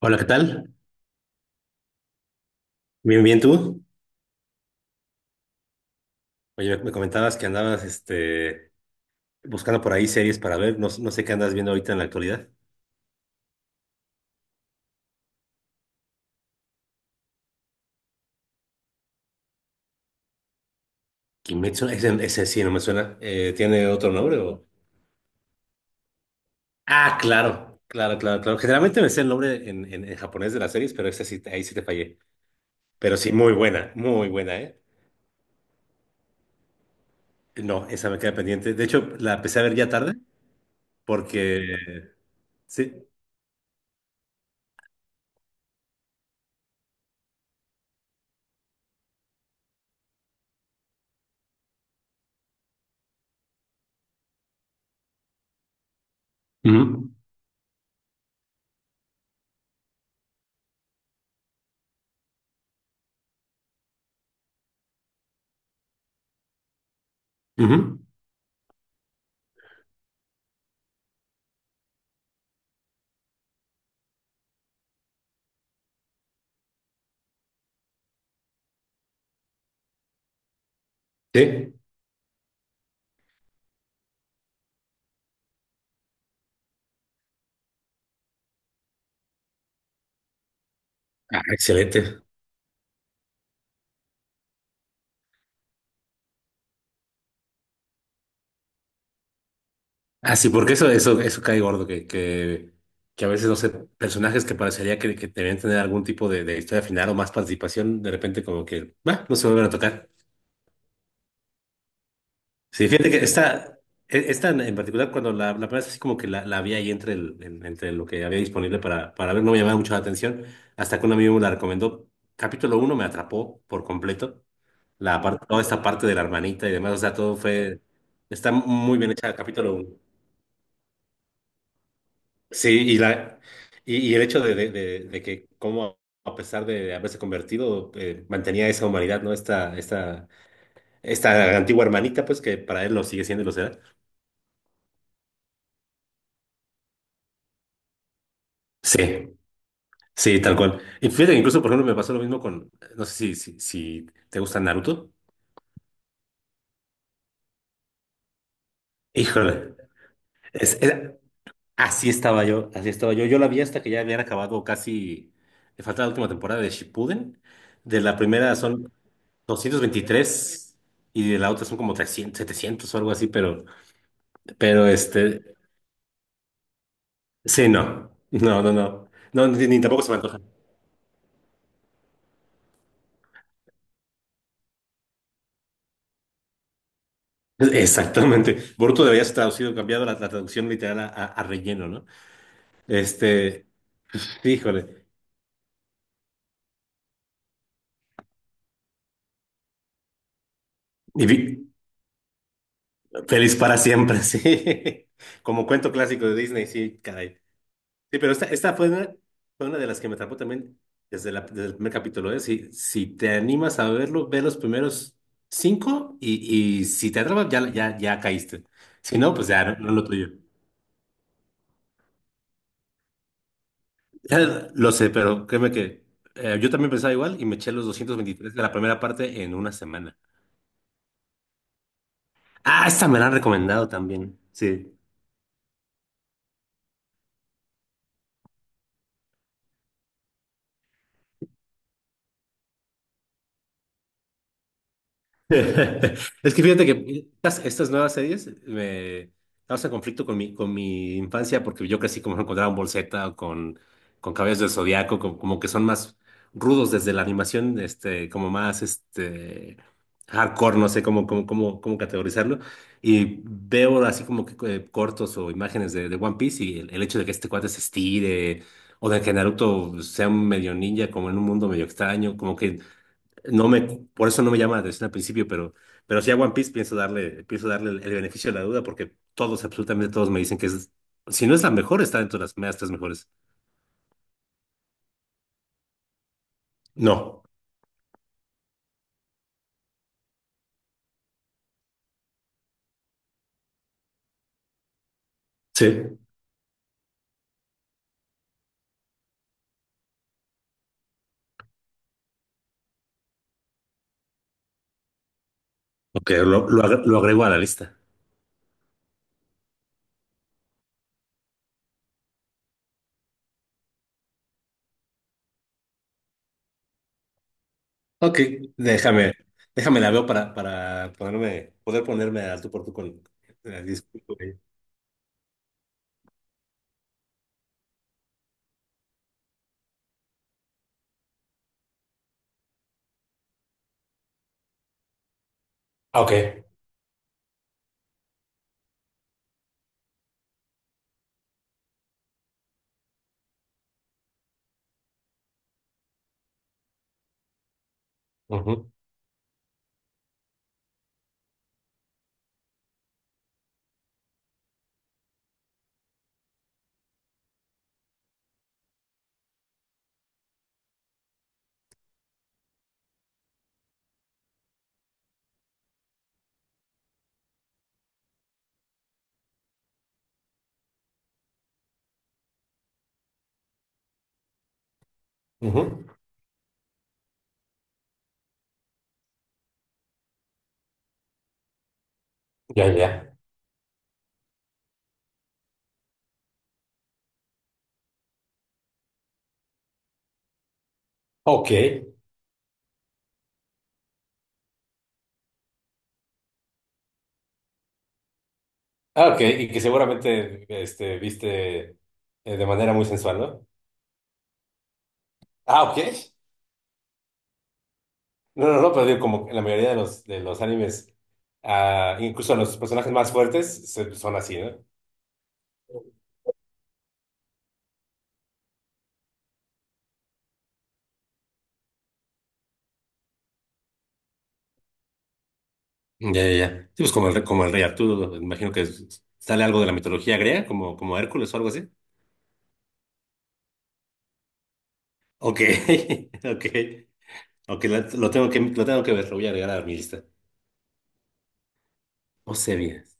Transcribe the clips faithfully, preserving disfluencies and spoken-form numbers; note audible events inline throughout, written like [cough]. Hola, ¿qué tal? Bien, bien, ¿tú? Oye, me, me comentabas que andabas este, buscando por ahí series para ver. No, no sé qué andas viendo ahorita en la actualidad. Kimetsu, ese, ese sí no me suena. Eh, ¿tiene otro nombre o...? Ah, claro, claro, claro, claro. Generalmente me sé el nombre en, en, en japonés de las series, pero esa sí, ahí sí te fallé. Pero sí, muy buena, muy buena, ¿eh? No, esa me queda pendiente. De hecho, la empecé a ver ya tarde porque... Sí. Ujú, ujú, Sí. Ah, excelente. Ah, sí, porque eso, eso, eso cae gordo, que, que, que a veces, no sé, personajes que parecería que, que debían tener algún tipo de, de historia final o más participación, de repente como que, bah, no se vuelven a tocar. Sí, fíjate que esta, e- esta en en particular, cuando la, la primera vez así como que la, la vi ahí entre, el, en- entre lo que había disponible para, para ver, no me llamaba mucho la atención, hasta que un amigo me la recomendó. Capítulo uno me atrapó por completo, la parte, toda esta parte de la hermanita y demás, o sea, todo fue, está muy bien hecha, el capítulo uno. Sí, y, la, y, y el hecho de, de, de- de que como a pesar de haberse convertido, eh, mantenía esa humanidad, ¿no? Esta, esta, esta antigua hermanita, pues que para él lo sigue siendo y lo será. Sí, sí, tal cual. Y fíjate, que incluso, por ejemplo, me pasó lo mismo con, no sé si, si, si te gusta Naruto. Híjole, es, era- así estaba yo, así estaba yo. Yo la vi hasta que ya habían acabado casi, le faltaba la última temporada de Shippuden. De la primera son doscientos veintitrés y de la otra son como trescientos setecientos o algo así, pero, pero este, sí, no, no, no, no, no, ni, ni tampoco se me antoja. Exactamente. Boruto debería ser traducido, cambiado la, la traducción literal a, a- a relleno, ¿no? Este, híjole. Y vi- Feliz para siempre, [laughs] sí. Como cuento clásico de Disney, sí, caray. Sí, pero esta, esta fue una, fue una de las que me atrapó también desde, la- desde el primer capítulo, ¿eh? Si, si te animas a verlo, ve los primeros cinco y, y si te atrapas, ya, ya, ya caíste. Si no, pues ya no, no es lo tuyo. Ya lo sé, pero créeme que eh, yo también pensaba igual y me eché los doscientos veintitrés de la primera parte en una semana. Ah, esta me la han recomendado también. Sí. [laughs] Es que fíjate que estas, estas nuevas series me causan conflicto con mi, con mi infancia porque yo crecí como con Dragon Ball Z o con, con Caballeros del Zodiaco, como, como que son más rudos desde la animación, este, como más este, hardcore, no sé cómo, cómo, cómo, cómo categorizarlo. Y veo así como que eh, cortos o imágenes de, de One Piece y el, el hecho de que este cuate se estire o de que Naruto sea un medio ninja como en un mundo medio extraño, como que no me, por eso no me llama la atención al principio, pero, pero sí a One Piece pienso darle, pienso darle el, el beneficio de la duda porque todos, absolutamente todos me dicen que es, si no es la mejor, está dentro de las primeras tres mejores. No, sí, ok, lo, lo, agre- lo agrego a la lista. Ok, déjame, déjame la veo para, para ponerme, poder ponerme al tú por tú con la disculpa. Ah, ok. Ujú, ujú. Ya, ya. Ok. Ah, ok. Y que seguramente este, viste eh, de manera muy sensual, ¿no? Ah, ok. No, no, no, pero digo, como en la mayoría de los, de los animes, ah, incluso los personajes más fuertes se- son así, ¿no? Ya, ya, ya. Sí, pues como el, re- como el rey Arturo, imagino que s- sale algo de la mitología griega, como, como Hércules o algo así. Ok, [laughs] ok, ok, la- lo tengo que, lo tengo que ver, lo voy a agregar a mi lista. Osebias.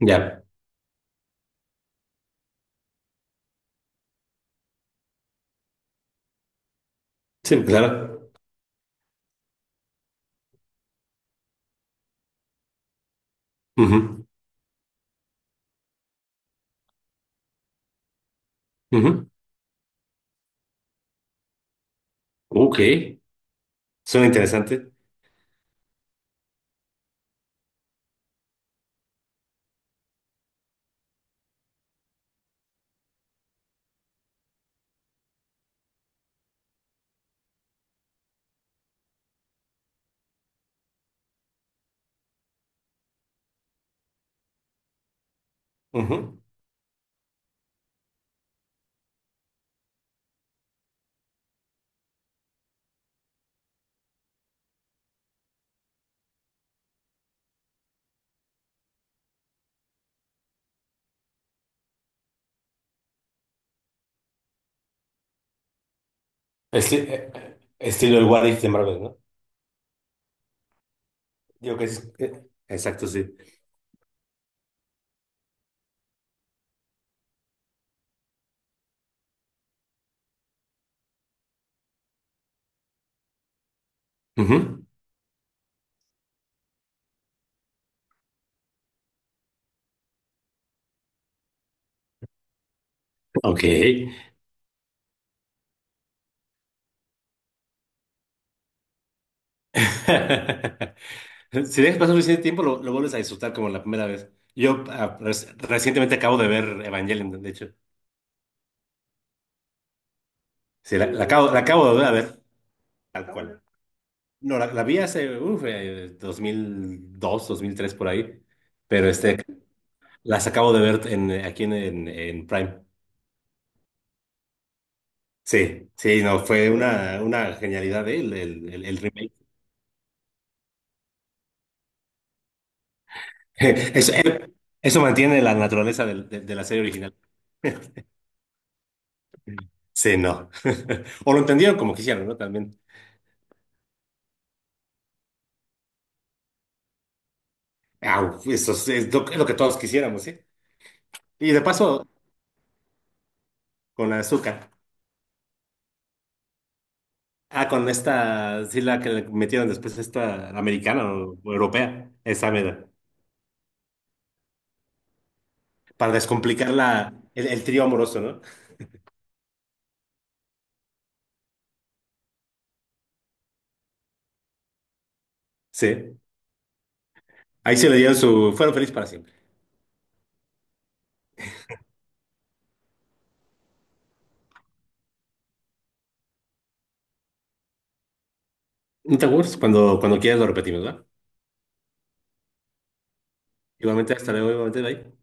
Ya, sí, claro. Ujú, ujú. Ok, suena interesante. Ujú. Esti- eh, eh, estilo el What If de Marvel, ¿no? Digo que es, eh, exacto, sí. Ujú. Ok. [laughs] Si dejas pasar suficiente tiempo, lo, lo vuelves a disfrutar como la primera vez. Yo ah, reci- recientemente acabo de ver Evangelion, de hecho. Sí, la, la acabo, la acabo de volver a ver, tal cual. No, la, la vi hace, uf, eh, dos mil dos, dos mil tres, por ahí. Pero este, las acabo de ver en, aquí en, en, en Prime. Sí, sí, no, fue una, una genialidad, eh, el, el, el- el remake. [laughs] Eso, eh, Eso mantiene la naturaleza del- de de la serie original. Sí, no. [laughs] O lo entendieron como quisieron, ¿no? También. Au, eso es, es lo, que es lo que todos quisiéramos, ¿sí? Y de paso, con azúcar. Ah, con esta, sí, la que le metieron después, esta americana o o europea, esa mera. Para descomplicar la, el, el trío amoroso, ¿no? Sí. Ahí se le dieron su. Fueron felices para siempre. No te aburres, cuando, cuando quieras lo repetimos, ¿va? Igualmente, hasta luego, igualmente, bye.